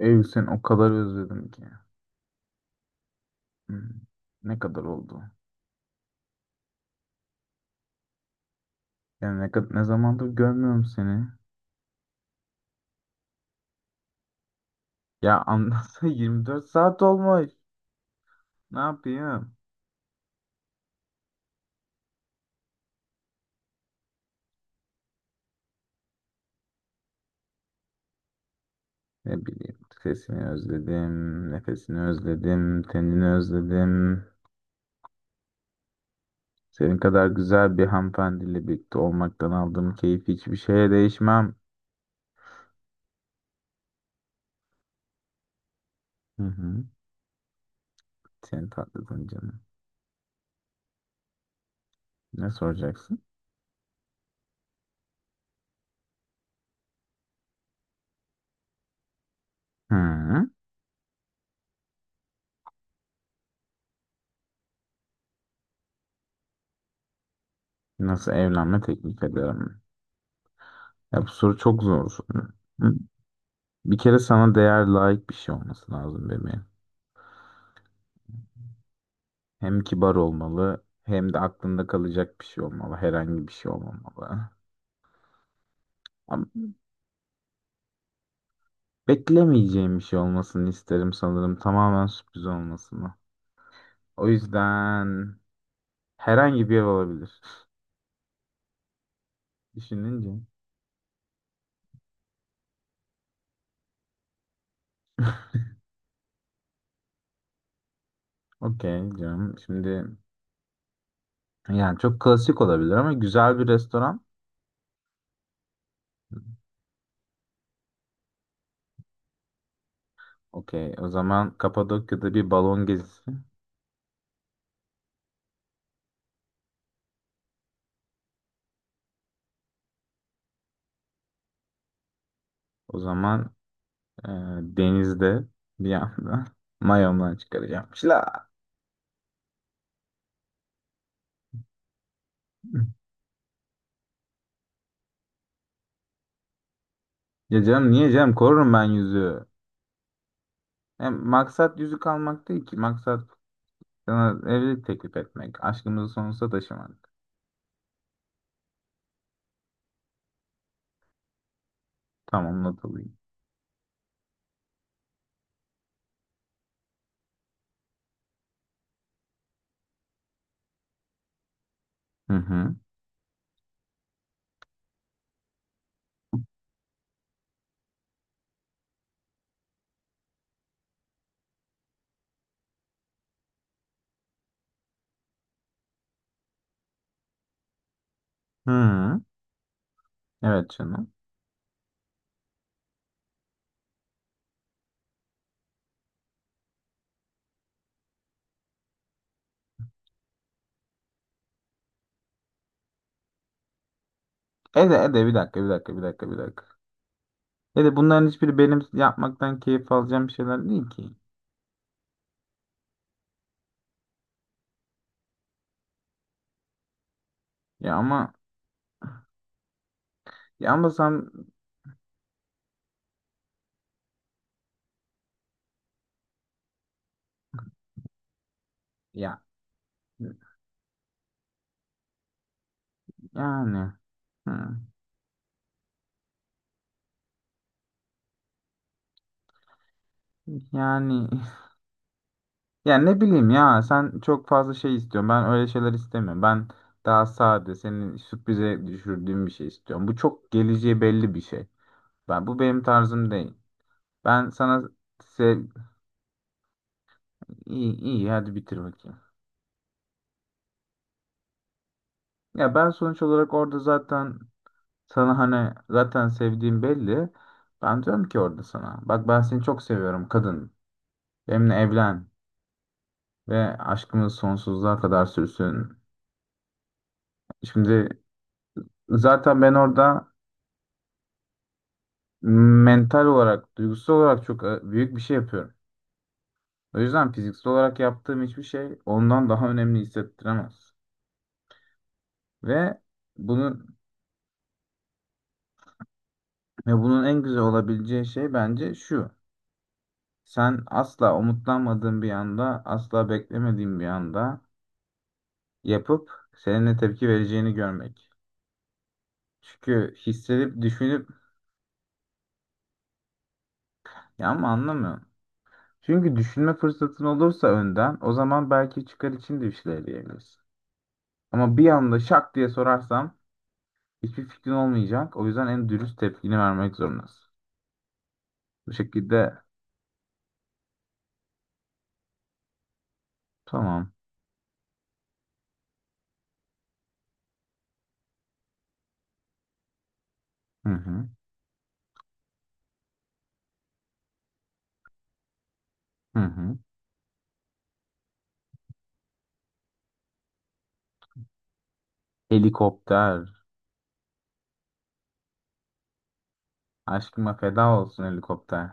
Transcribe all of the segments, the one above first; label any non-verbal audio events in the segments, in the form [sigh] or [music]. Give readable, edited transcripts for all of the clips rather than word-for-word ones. Ev sen o kadar özledim ki. Hmm, ne kadar oldu? Yani ne ne zamandır görmüyorum seni. Ya anlatsa [laughs] 24 saat olmuş. Ne yapayım? Ne bileyim. Sesini özledim, nefesini özledim, tenini özledim. Senin kadar güzel bir hanımefendiyle birlikte olmaktan aldığım keyif hiçbir şeye değişmem. Hı hı. Seni tatlıdın canım. Ne soracaksın? Hı. Nasıl evlenme teklif ederim? Ya bu soru çok zor. Hı. Bir kere sana değer layık bir şey olması lazım bebeğim. Hem kibar olmalı hem de aklında kalacak bir şey olmalı. Herhangi bir şey olmamalı. Ama beklemeyeceğim bir şey olmasını isterim sanırım. Tamamen sürpriz olmasını. O yüzden herhangi bir ev olabilir. [laughs] Düşününce. Okey canım. Şimdi yani çok klasik olabilir ama güzel bir restoran. Okey. O zaman Kapadokya'da bir balon gezisi. O zaman Ee, denizde bir yandan [laughs] mayomdan çıkaracağım. Şila. Ya canım niye canım korurum ben yüzüğü. Hem maksat yüzük almak değil ki. Maksat sana evlilik teklif etmek. Aşkımızı sonsuza taşımak. Tamam not alayım. Hı hı. Hı hı. Evet canım. Ede bir dakika. Ede bunların hiçbiri benim yapmaktan keyif alacağım şeyler değil ki. Ya ama ya ama sen ya yani hı. Yani [laughs] yani ne bileyim ya sen çok fazla şey istiyorsun. Ben öyle şeyler istemiyorum. Ben daha sade senin sürprize düşürdüğüm bir şey istiyorum. Bu çok geleceği belli bir şey. Bu benim tarzım değil. Ben sana sev iyi iyi hadi bitir bakayım. Ya ben sonuç olarak orada zaten sana hani zaten sevdiğim belli. Ben diyorum ki orada sana bak ben seni çok seviyorum kadın. Benimle evlen ve aşkımız sonsuzluğa kadar sürsün. Şimdi zaten ben orada mental olarak, duygusal olarak çok büyük bir şey yapıyorum. O yüzden fiziksel olarak yaptığım hiçbir şey ondan daha önemli hissettiremez. Ve bunun bunun en güzel olabileceği şey bence şu. Sen asla umutlanmadığın bir anda, asla beklemediğin bir anda yapıp senin ne tepki vereceğini görmek. Çünkü hissedip düşünüp ya ama anlamıyorum. Çünkü düşünme fırsatın olursa önden o zaman belki çıkar için de bir şeyler diyebilirsin. Ama bir anda şak diye sorarsam hiçbir fikrin olmayacak. O yüzden en dürüst tepkini vermek zorundasın. Bu şekilde tamam. Hı hı. Hı hı. Helikopter. Aşkıma feda olsun helikopter.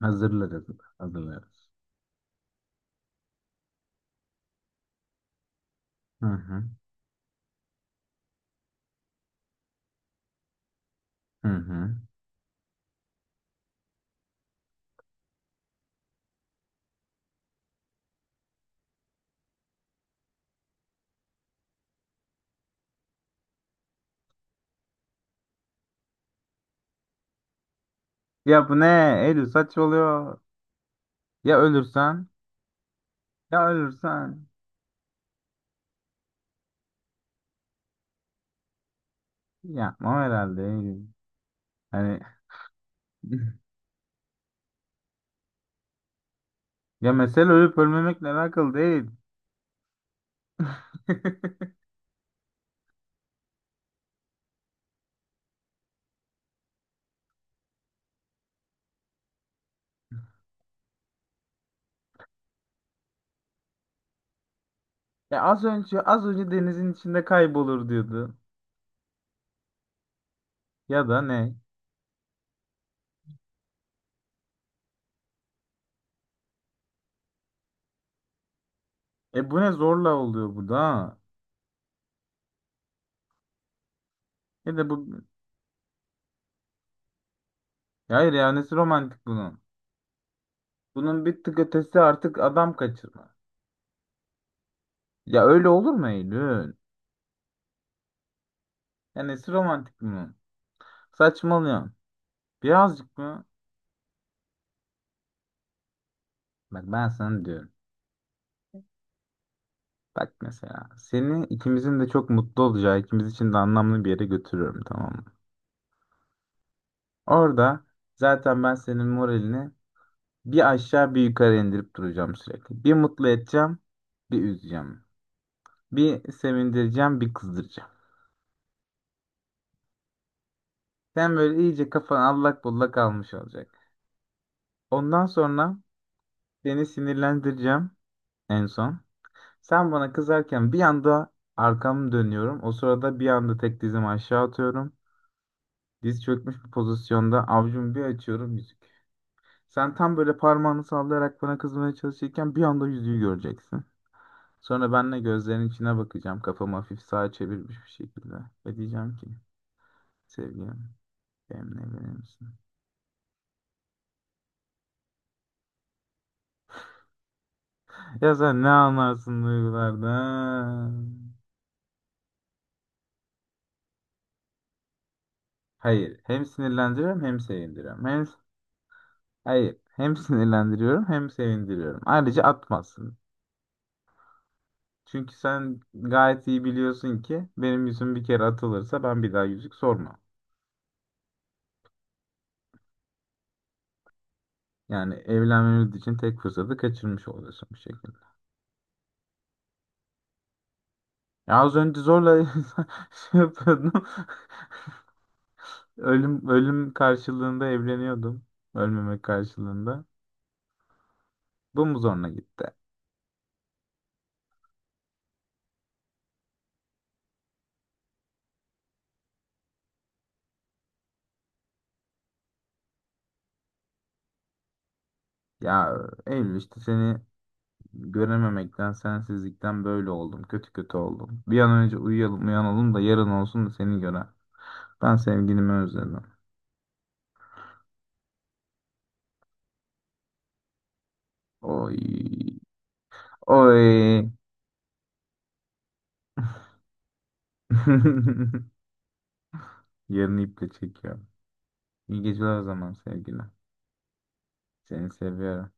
Hazırlarız. Hazırlarız. Hı hı. Hı hı. Ya bu ne? Eylül saçmalıyor. Ya ölürsen? Ya ölürsen? Yapmam herhalde Eylül. Hani [laughs] ya mesele ölüp ölmemekle alakalı değil. [laughs] Ya az önce denizin içinde kaybolur diyordu. Ya da ne? E bu ne zorla oluyor bu da. Ha? Ya da bu, ya hayır, ya nesi romantik bunun? Bunun bir tık ötesi artık adam kaçırma. Ya öyle olur mu Eylül? Ya nesi romantik bunun? Saçmalıyorsun. Birazcık mı? Bak ben sana diyorum. Bak mesela seni ikimizin de çok mutlu olacağı, ikimiz için de anlamlı bir yere götürüyorum, tamam mı? Orada zaten ben senin moralini bir aşağı bir yukarı indirip duracağım sürekli. Bir mutlu edeceğim, bir üzeceğim. Bir sevindireceğim, bir kızdıracağım. Sen böyle iyice kafan allak bullak almış olacak. Ondan sonra seni sinirlendireceğim en son. Sen bana kızarken bir anda arkamı dönüyorum. O sırada bir anda tek dizimi aşağı atıyorum. Diz çökmüş bir pozisyonda avucumu bir açıyorum yüzük. Sen tam böyle parmağını sallayarak bana kızmaya çalışırken bir anda yüzüğü göreceksin. Sonra ben de gözlerinin içine bakacağım. Kafamı hafif sağa çevirmiş bir şekilde. Ve diyeceğim ki sevgilim benimle evlenir misin? Ya sen ne anlarsın duygulardan? Hayır. Hem sinirlendiriyorum hem sevindiriyorum. Hem hayır. Hem [laughs] sinirlendiriyorum hem sevindiriyorum. Ayrıca atmazsın. Çünkü sen gayet iyi biliyorsun ki benim yüzüm bir kere atılırsa ben bir daha yüzük sormam. Yani evlenmemiz için tek fırsatı kaçırmış oluyorsun bu şekilde. Ya az önce zorla [laughs] şey yapıyordum. Ölüm ölüm karşılığında evleniyordum. Ölmemek karşılığında. Bu mu zoruna gitti? Ya Eylül işte seni görememekten, sensizlikten böyle oldum. Kötü kötü oldum. Bir an önce uyuyalım, uyanalım da yarın olsun da seni gören. Ben sevgilimi özledim. Oy. Oy. [laughs] Yarını iple çekiyorum. İyi geceler o zaman sevgili. Seni seviyorum.